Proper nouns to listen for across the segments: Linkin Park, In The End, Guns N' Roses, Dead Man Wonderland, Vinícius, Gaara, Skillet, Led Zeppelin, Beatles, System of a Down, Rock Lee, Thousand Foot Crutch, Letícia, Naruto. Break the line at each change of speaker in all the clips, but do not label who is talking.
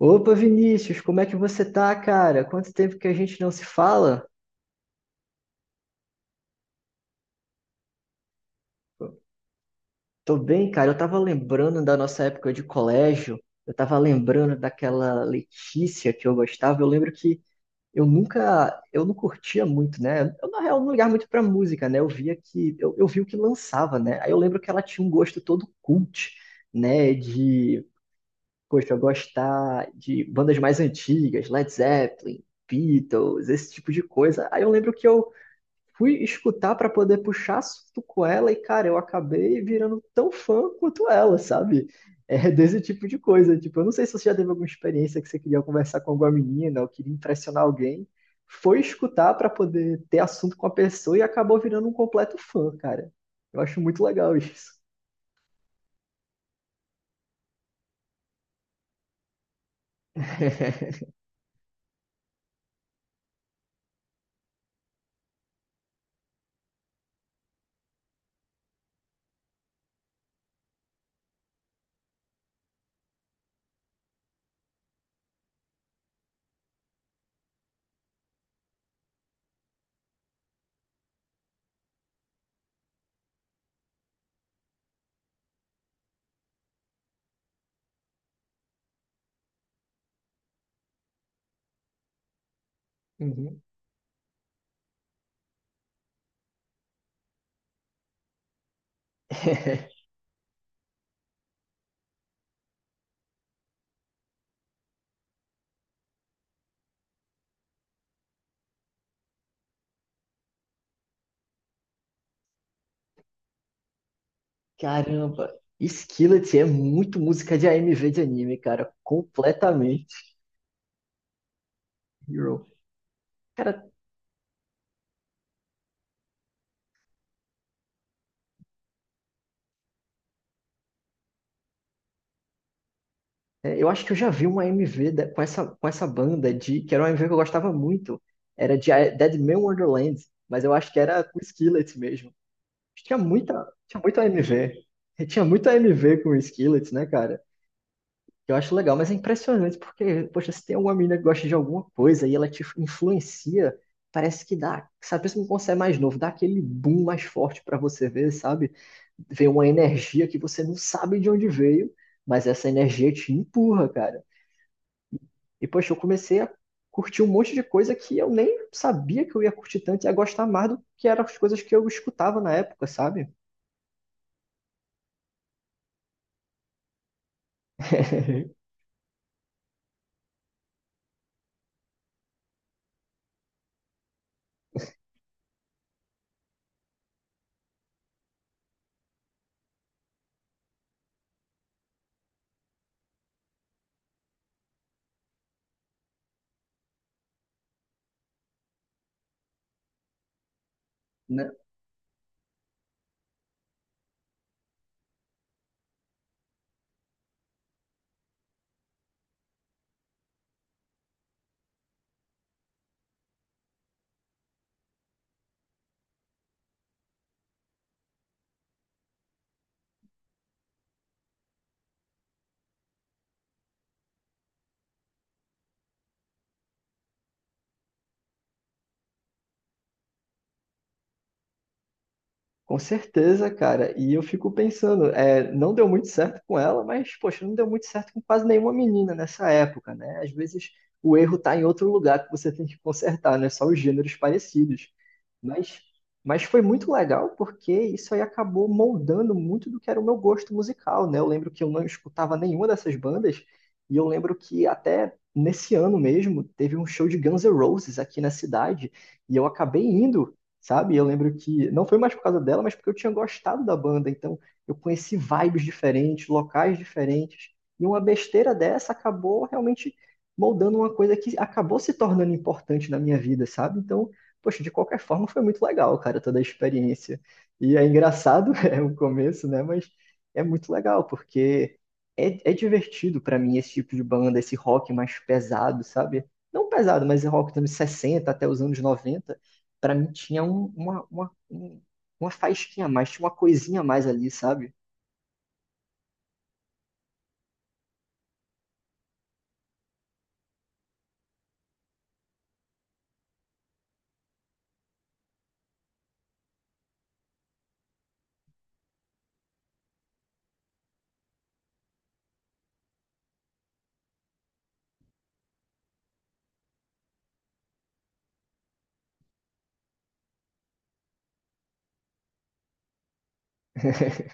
Opa, Vinícius, como é que você tá, cara? Quanto tempo que a gente não se fala? Tô bem, cara. Eu tava lembrando da nossa época de colégio. Eu tava lembrando daquela Letícia que eu gostava. Eu lembro que eu não curtia muito, né? Eu, na real, não ligava muito pra música, né? Eu vi o que lançava, né? Aí eu lembro que ela tinha um gosto todo cult, né? De, poxa, eu gostar de bandas mais antigas, Led Zeppelin, Beatles, esse tipo de coisa. Aí eu lembro que eu fui escutar para poder puxar assunto com ela e, cara, eu acabei virando tão fã quanto ela, sabe? É desse tipo de coisa. Tipo, eu não sei se você já teve alguma experiência que você queria conversar com alguma menina ou queria impressionar alguém. Foi escutar para poder ter assunto com a pessoa e acabou virando um completo fã, cara. Eu acho muito legal isso. Uhum. Caramba, Skillet é muito música de AMV de anime, cara. Completamente. Hero. Cara, é, eu acho que eu já vi uma com essa banda de que era uma MV que eu gostava muito. Era de Dead Man Wonderland, mas eu acho que era com Skillet mesmo. Tinha muita, tinha muita MV. E tinha muita MV com Skillet, né, cara? Eu acho legal, mas é impressionante porque, poxa, se tem uma menina que gosta de alguma coisa e ela te influencia, parece que dá, sabe, mesmo quando você é mais novo, dá aquele boom mais forte pra você ver, sabe? Vem uma energia que você não sabe de onde veio, mas essa energia te empurra, cara. E, poxa, eu comecei a curtir um monte de coisa que eu nem sabia que eu ia curtir tanto e a gostar mais do que eram as coisas que eu escutava na época, sabe? Né? Com certeza, cara. E eu fico pensando, é, não deu muito certo com ela, mas, poxa, não deu muito certo com quase nenhuma menina nessa época, né? Às vezes o erro tá em outro lugar que você tem que consertar, não é só os gêneros parecidos. Mas, mas foi muito legal porque isso aí acabou moldando muito do que era o meu gosto musical, né? Eu lembro que eu não escutava nenhuma dessas bandas e eu lembro que até nesse ano mesmo teve um show de Guns N' Roses aqui na cidade e eu acabei indo, sabe? Eu lembro que não foi mais por causa dela, mas porque eu tinha gostado da banda, então eu conheci vibes diferentes, locais diferentes e uma besteira dessa acabou realmente moldando uma coisa que acabou se tornando importante na minha vida, sabe? Então, poxa, de qualquer forma foi muito legal, cara, toda a experiência. E é engraçado, é o começo, né? Mas é muito legal, porque é divertido pra mim esse tipo de banda, esse rock mais pesado, sabe? Não pesado, mas é rock dos anos 60 até os anos noventa. Pra mim tinha uma faísquinha a mais, tinha uma coisinha a mais ali, sabe?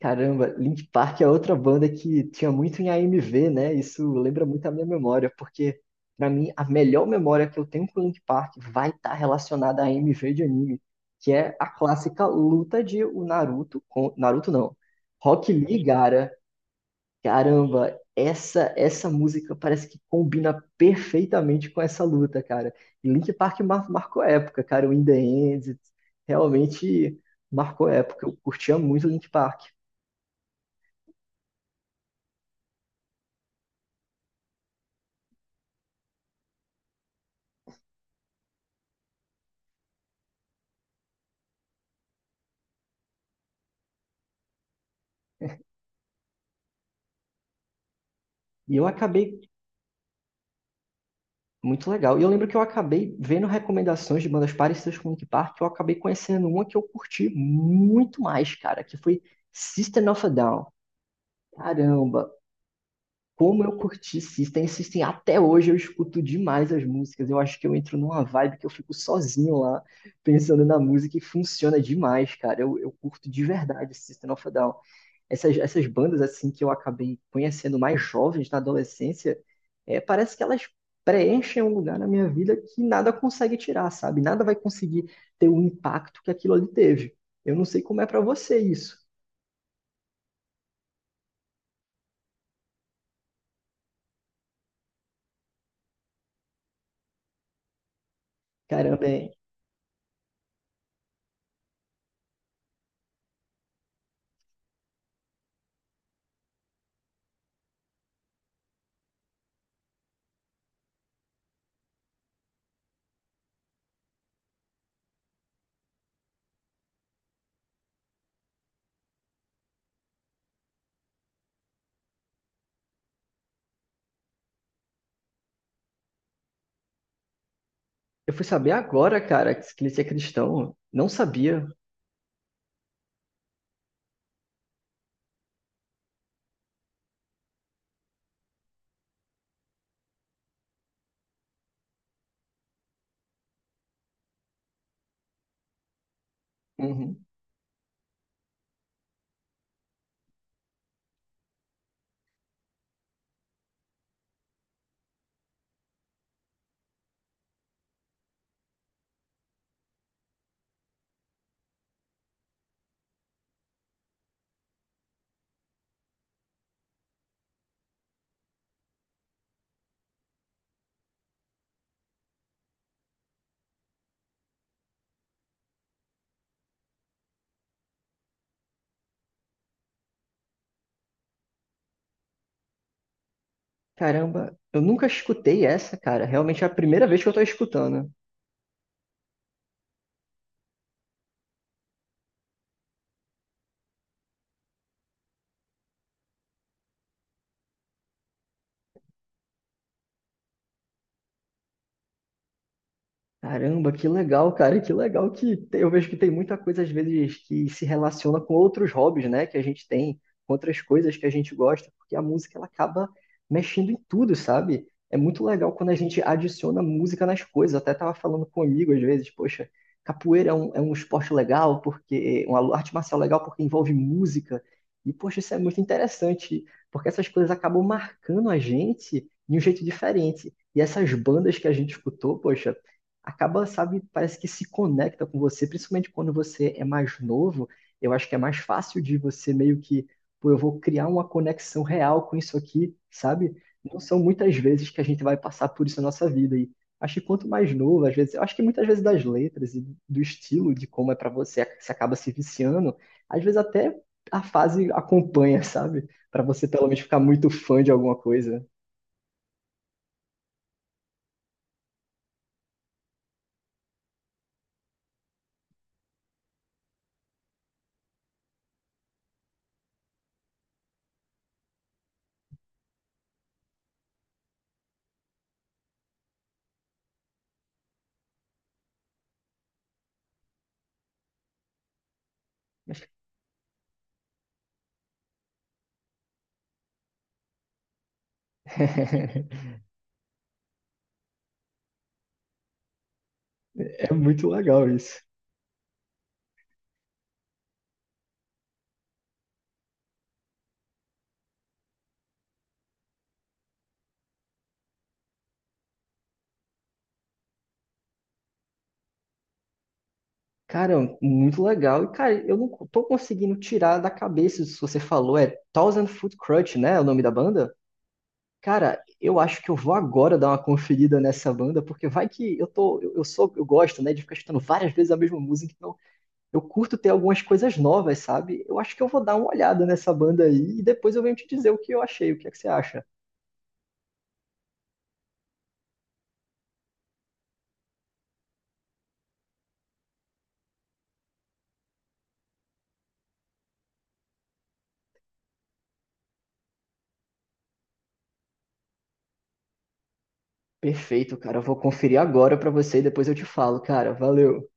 Caramba, Linkin Park é outra banda que tinha muito em a AMV, né? Isso lembra muito a minha memória, porque pra mim a melhor memória que eu tenho com Linkin Park vai estar relacionada a AMV de anime, que é a clássica luta de o Naruto com Naruto não, Rock Lee Gaara. Caramba, essa música parece que combina perfeitamente com essa luta, cara. E Linkin Park marcou época, cara. O In The End realmente marcou época. Eu curtia muito Linkin Park. E eu acabei. Muito legal. E eu lembro que eu acabei vendo recomendações de bandas parecidas com Linkin Park, eu acabei conhecendo uma que eu curti muito mais, cara, que foi System of a Down. Caramba, como eu curti System, System até hoje eu escuto demais as músicas. Eu acho que eu entro numa vibe que eu fico sozinho lá, pensando na música e funciona demais, cara. Eu curto de verdade System of a Down. Essas bandas assim que eu acabei conhecendo mais jovens na adolescência, é, parece que elas preenchem um lugar na minha vida que nada consegue tirar, sabe? Nada vai conseguir ter o impacto que aquilo ali teve. Eu não sei como é pra você isso. Caramba, é. Eu fui saber agora, cara, que ele é cristão. Não sabia. Uhum. Caramba, eu nunca escutei essa, cara. Realmente é a primeira vez que eu tô escutando. Caramba, que legal, cara, que legal que tem- eu vejo que tem muita coisa às vezes que se relaciona com outros hobbies, né, que a gente tem, com outras coisas que a gente gosta, porque a música ela acaba mexendo em tudo, sabe? É muito legal quando a gente adiciona música nas coisas. Eu até tava falando com um amigo às vezes, poxa, capoeira é é um esporte legal porque uma arte marcial legal porque envolve música. E poxa, isso é muito interessante, porque essas coisas acabam marcando a gente de um jeito diferente. E essas bandas que a gente escutou, poxa, acaba, sabe, parece que se conecta com você, principalmente quando você é mais novo. Eu acho que é mais fácil de você meio que, pô, eu vou criar uma conexão real com isso aqui, sabe? Não são muitas vezes que a gente vai passar por isso na nossa vida. E acho que quanto mais novo, às vezes, eu acho que muitas vezes das letras e do estilo, de como é pra você, você acaba se viciando, às vezes até a fase acompanha, sabe? Pra você pelo menos ficar muito fã de alguma coisa. É muito legal isso. Cara, muito legal. E, cara, eu não tô conseguindo tirar da cabeça isso que você falou. É Thousand Foot Crutch, né? É o nome da banda? Cara, eu acho que eu vou agora dar uma conferida nessa banda, porque vai que eu tô, eu gosto, né, de ficar escutando várias vezes a mesma música, então eu curto ter algumas coisas novas, sabe? Eu acho que eu vou dar uma olhada nessa banda aí e depois eu venho te dizer o que eu achei, o que é que você acha? Perfeito, cara, eu vou conferir agora pra você e depois eu te falo, cara. Valeu.